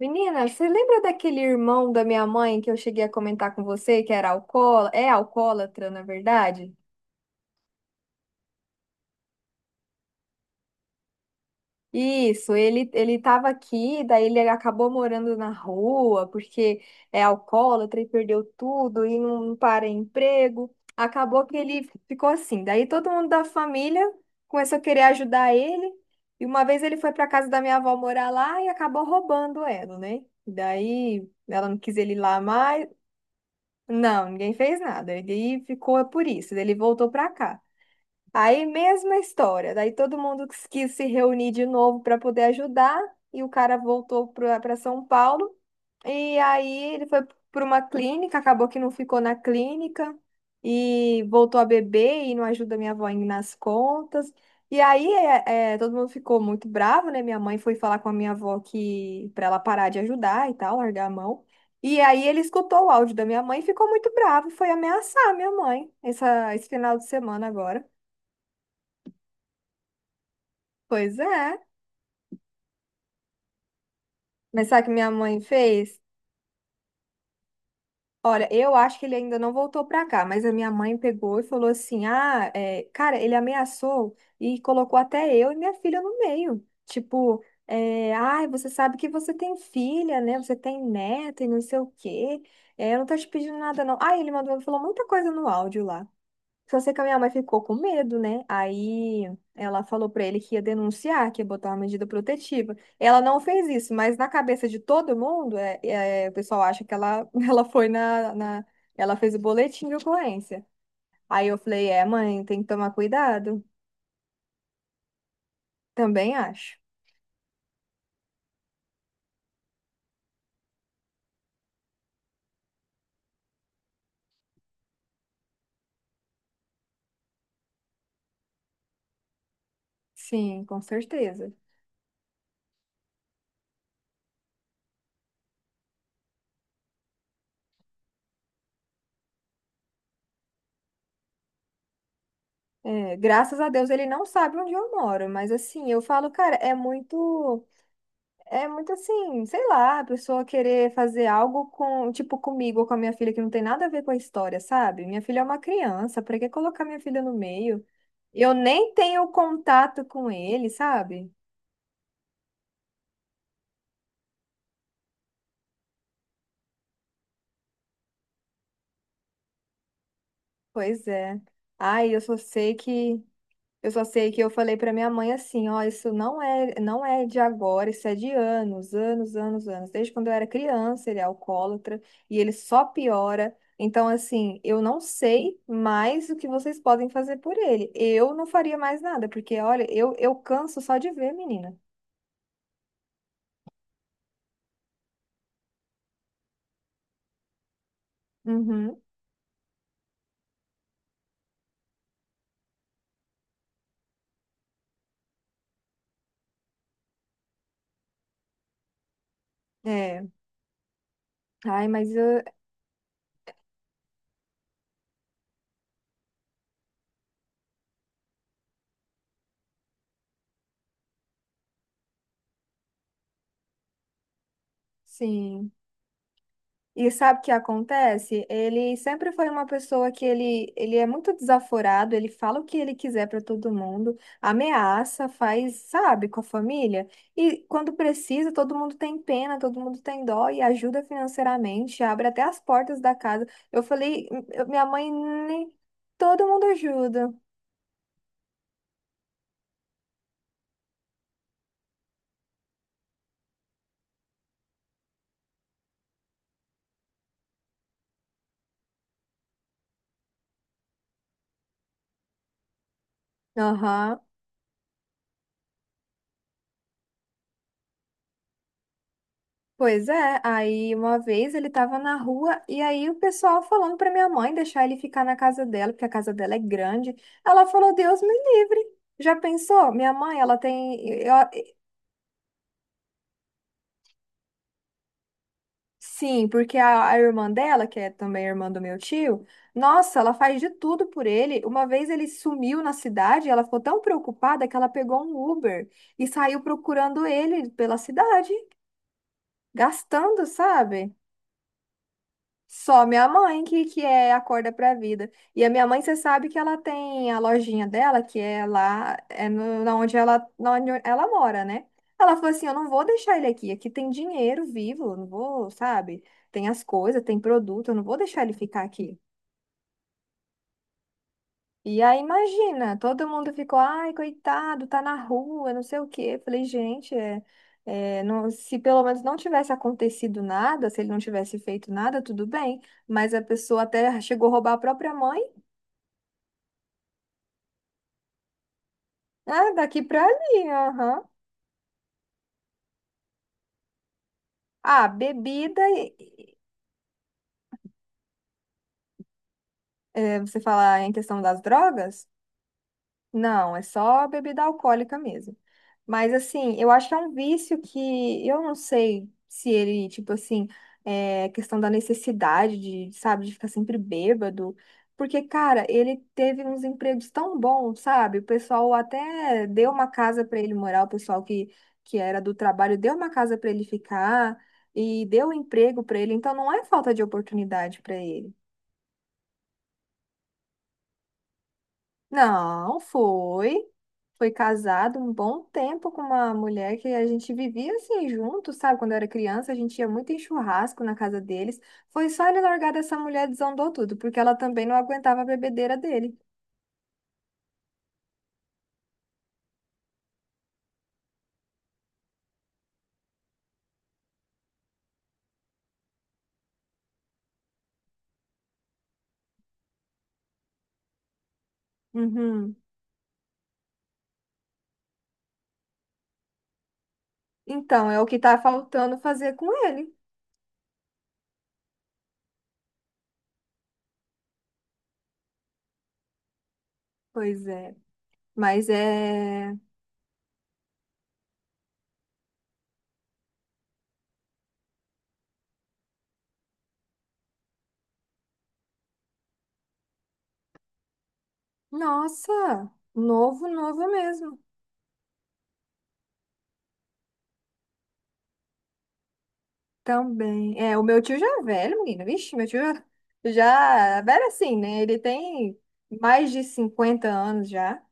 Menina, você lembra daquele irmão da minha mãe que eu cheguei a comentar com você, que era alcoólatra, é alcoólatra, na verdade? Isso, ele estava aqui, daí ele acabou morando na rua porque é alcoólatra e perdeu tudo e não, não para em emprego. Acabou que ele ficou assim. Daí todo mundo da família começou a querer ajudar ele. E uma vez ele foi para casa da minha avó morar lá e acabou roubando ela, né? Daí ela não quis ele lá mais. Não, ninguém fez nada. Ele ficou por isso, ele voltou pra cá. Aí, mesma história. Daí todo mundo quis se reunir de novo para poder ajudar e o cara voltou para São Paulo. E aí ele foi para uma clínica, acabou que não ficou na clínica e voltou a beber e não ajuda minha avó em- nas contas. E aí todo mundo ficou muito bravo, né? Minha mãe foi falar com a minha avó que para ela parar de ajudar e tal, largar a mão. E aí ele escutou o áudio da minha mãe e ficou muito bravo e foi ameaçar a minha mãe essa, esse final de semana agora. Pois é. Mas sabe o que minha mãe fez? Olha, eu acho que ele ainda não voltou pra cá, mas a minha mãe pegou e falou assim: ah, é, cara, ele ameaçou e colocou até eu e minha filha no meio. Tipo, é, ai, você sabe que você tem filha, né? Você tem neta e não sei o quê. É, eu não tô te pedindo nada, não. Ah, ele mandou, falou muita coisa no áudio lá. Só sei que a minha mãe ficou com medo, né? Aí ela falou pra ele que ia denunciar, que ia botar uma medida protetiva. Ela não fez isso, mas na cabeça de todo mundo, o pessoal acha que ela, ela foi na, na. Ela fez o boletim de ocorrência. Aí eu falei, é, mãe, tem que tomar cuidado. Também acho. Sim, com certeza. É, graças a Deus ele não sabe onde eu moro, mas assim, eu falo, cara, é muito. É muito assim, sei lá, a pessoa querer fazer algo com, tipo, comigo ou com a minha filha que não tem nada a ver com a história, sabe? Minha filha é uma criança, pra que colocar minha filha no meio? Eu nem tenho contato com ele, sabe? Pois é. Ai, eu só sei que Eu só sei que eu falei pra minha mãe assim, ó, não é de agora, isso é de anos, anos, anos, anos. Desde quando eu era criança, ele é alcoólatra e ele só piora. Então, assim, eu não sei mais o que vocês podem fazer por ele. Eu não faria mais nada, porque, olha, eu canso só de ver, menina. Uhum, é. Ai, mas eu, sim. E sabe o que acontece? Ele sempre foi uma pessoa que ele é muito desaforado, ele fala o que ele quiser para todo mundo, ameaça, faz, sabe, com a família. E quando precisa, todo mundo tem pena, todo mundo tem dó e ajuda financeiramente, abre até as portas da casa. Eu falei, eu- minha mãe, nem- todo mundo ajuda. Aham. Pois é, aí uma vez ele tava na rua e aí o pessoal falando pra minha mãe deixar ele ficar na casa dela, porque a casa dela é grande. Ela falou: Deus me livre. Já pensou? Minha mãe, ela tem. Eu- sim, porque a irmã dela, que é também irmã do meu tio, nossa, ela faz de tudo por ele. Uma vez ele sumiu na cidade, ela ficou tão preocupada que ela pegou um Uber e saiu procurando ele pela cidade, gastando, sabe? Só minha mãe que é acorda pra vida. E a minha mãe, você sabe que ela tem a lojinha dela, que é lá, é no, na onde ela mora, né? Ela falou assim: eu não vou deixar ele aqui, aqui tem dinheiro vivo, eu não vou, sabe? Tem as coisas, tem produto, eu não vou deixar ele ficar aqui. E aí, imagina, todo mundo ficou, ai, coitado, tá na rua, não sei o quê. Falei, gente, se pelo menos não tivesse acontecido nada, se ele não tivesse feito nada, tudo bem. Mas a pessoa até chegou a roubar a própria mãe, né? Daqui pra ali, aham. Ah, bebida, e- é, você falar em questão das drogas? Não, é só bebida alcoólica mesmo. Mas assim, eu acho que é um vício que eu não sei se ele, tipo assim, é questão da necessidade de, sabe, de ficar sempre bêbado. Porque, cara, ele teve uns empregos tão bons, sabe? O pessoal até deu uma casa pra ele morar, o pessoal que era do trabalho deu uma casa pra ele ficar e deu um emprego pra ele. Então, não é falta de oportunidade pra ele. Não, foi. Foi casado um bom tempo com uma mulher que a gente vivia assim junto, sabe? Quando eu era criança, a gente ia muito em churrasco na casa deles. Foi só ele largar dessa mulher, desandou tudo, porque ela também não aguentava a bebedeira dele. Uhum. Então, é o que tá faltando fazer com ele. Pois é. Mas é. Nossa, novo, novo mesmo. Também. É, o meu tio já é velho, menina. Vixe, meu tio já é velho assim, né? Ele tem mais de 50 anos já.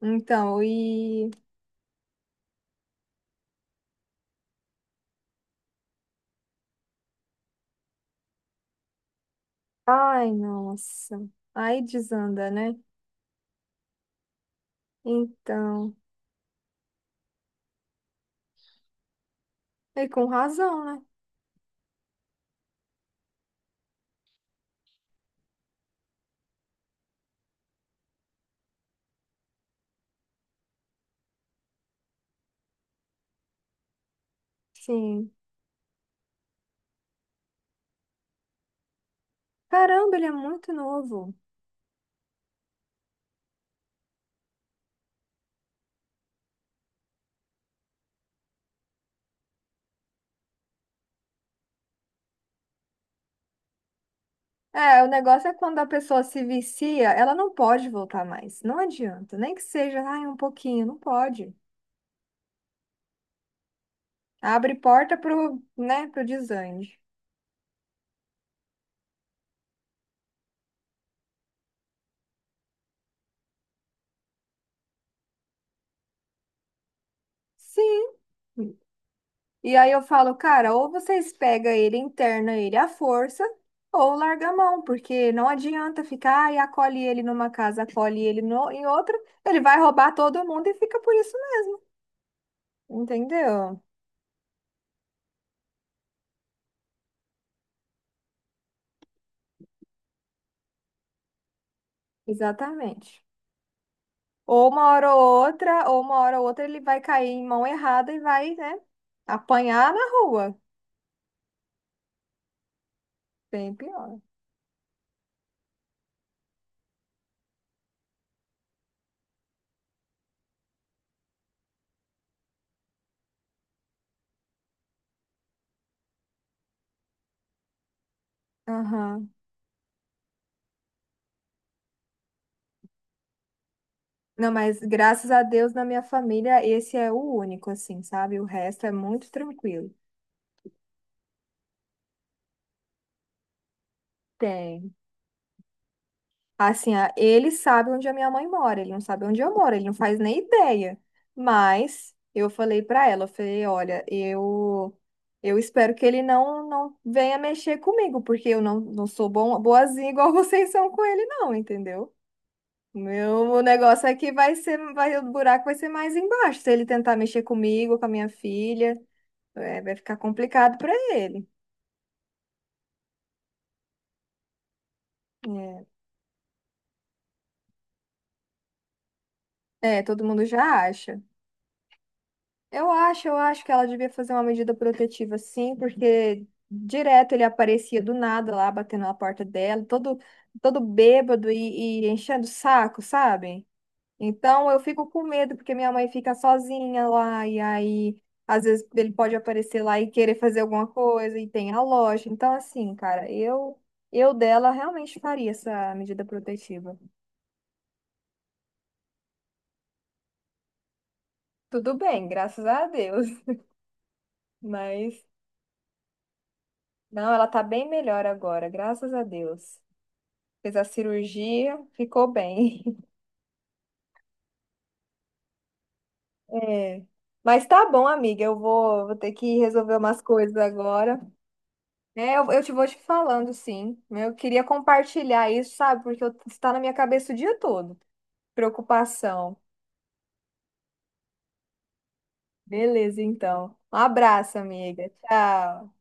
Então, e. Ai, nossa. Aí desanda, né? Então. E com razão, né? Sim. Caramba, ele é muito novo. É, o negócio é quando a pessoa se vicia, ela não pode voltar mais. Não adianta. Nem que seja, ai, um pouquinho. Não pode. Abre porta pro, né, pro desande. Sim. E aí eu falo, cara, ou vocês pegam ele, interna ele à força, ou larga a mão, porque não adianta ficar ah, e acolhe ele numa casa, acolhe ele no, em outra, ele vai roubar todo mundo e fica por isso mesmo, entendeu? Exatamente. Ou uma hora ou outra ele vai cair em mão errada e vai, né, apanhar na rua. Bem pior. Aham. Não, mas graças a Deus na minha família esse é o único, assim, sabe? O resto é muito tranquilo. Tem. Assim, a- ele sabe onde a minha mãe mora, ele não sabe onde eu moro, ele não faz nem ideia. Mas eu falei pra ela, eu falei, olha, eu espero que ele não venha mexer comigo, porque eu não, não sou bom, boazinha igual vocês são com ele não, entendeu? O meu negócio é que vai ser, vai, o buraco vai ser mais embaixo, se ele tentar mexer comigo, com a minha filha, é, vai ficar complicado pra ele. Todo mundo já acha. Eu acho que ela devia fazer uma medida protetiva, sim, porque direto ele aparecia do nada lá, batendo na porta dela, todo bêbado e enchendo o saco, sabe? Então eu fico com medo, porque minha mãe fica sozinha lá, e aí às vezes ele pode aparecer lá e querer fazer alguma coisa, e tem a loja. Então, assim, cara, eu dela realmente faria essa medida protetiva. Tudo bem, graças a Deus, mas. Não, ela tá bem melhor agora, graças a Deus. Fez a cirurgia, ficou bem. É. Mas tá bom, amiga, eu vou, vou ter que resolver umas coisas agora. Eu te vou te falando, sim. Eu queria compartilhar isso, sabe? Porque eu- está na minha cabeça o dia todo. Preocupação. Beleza, então. Um abraço, amiga. Tchau.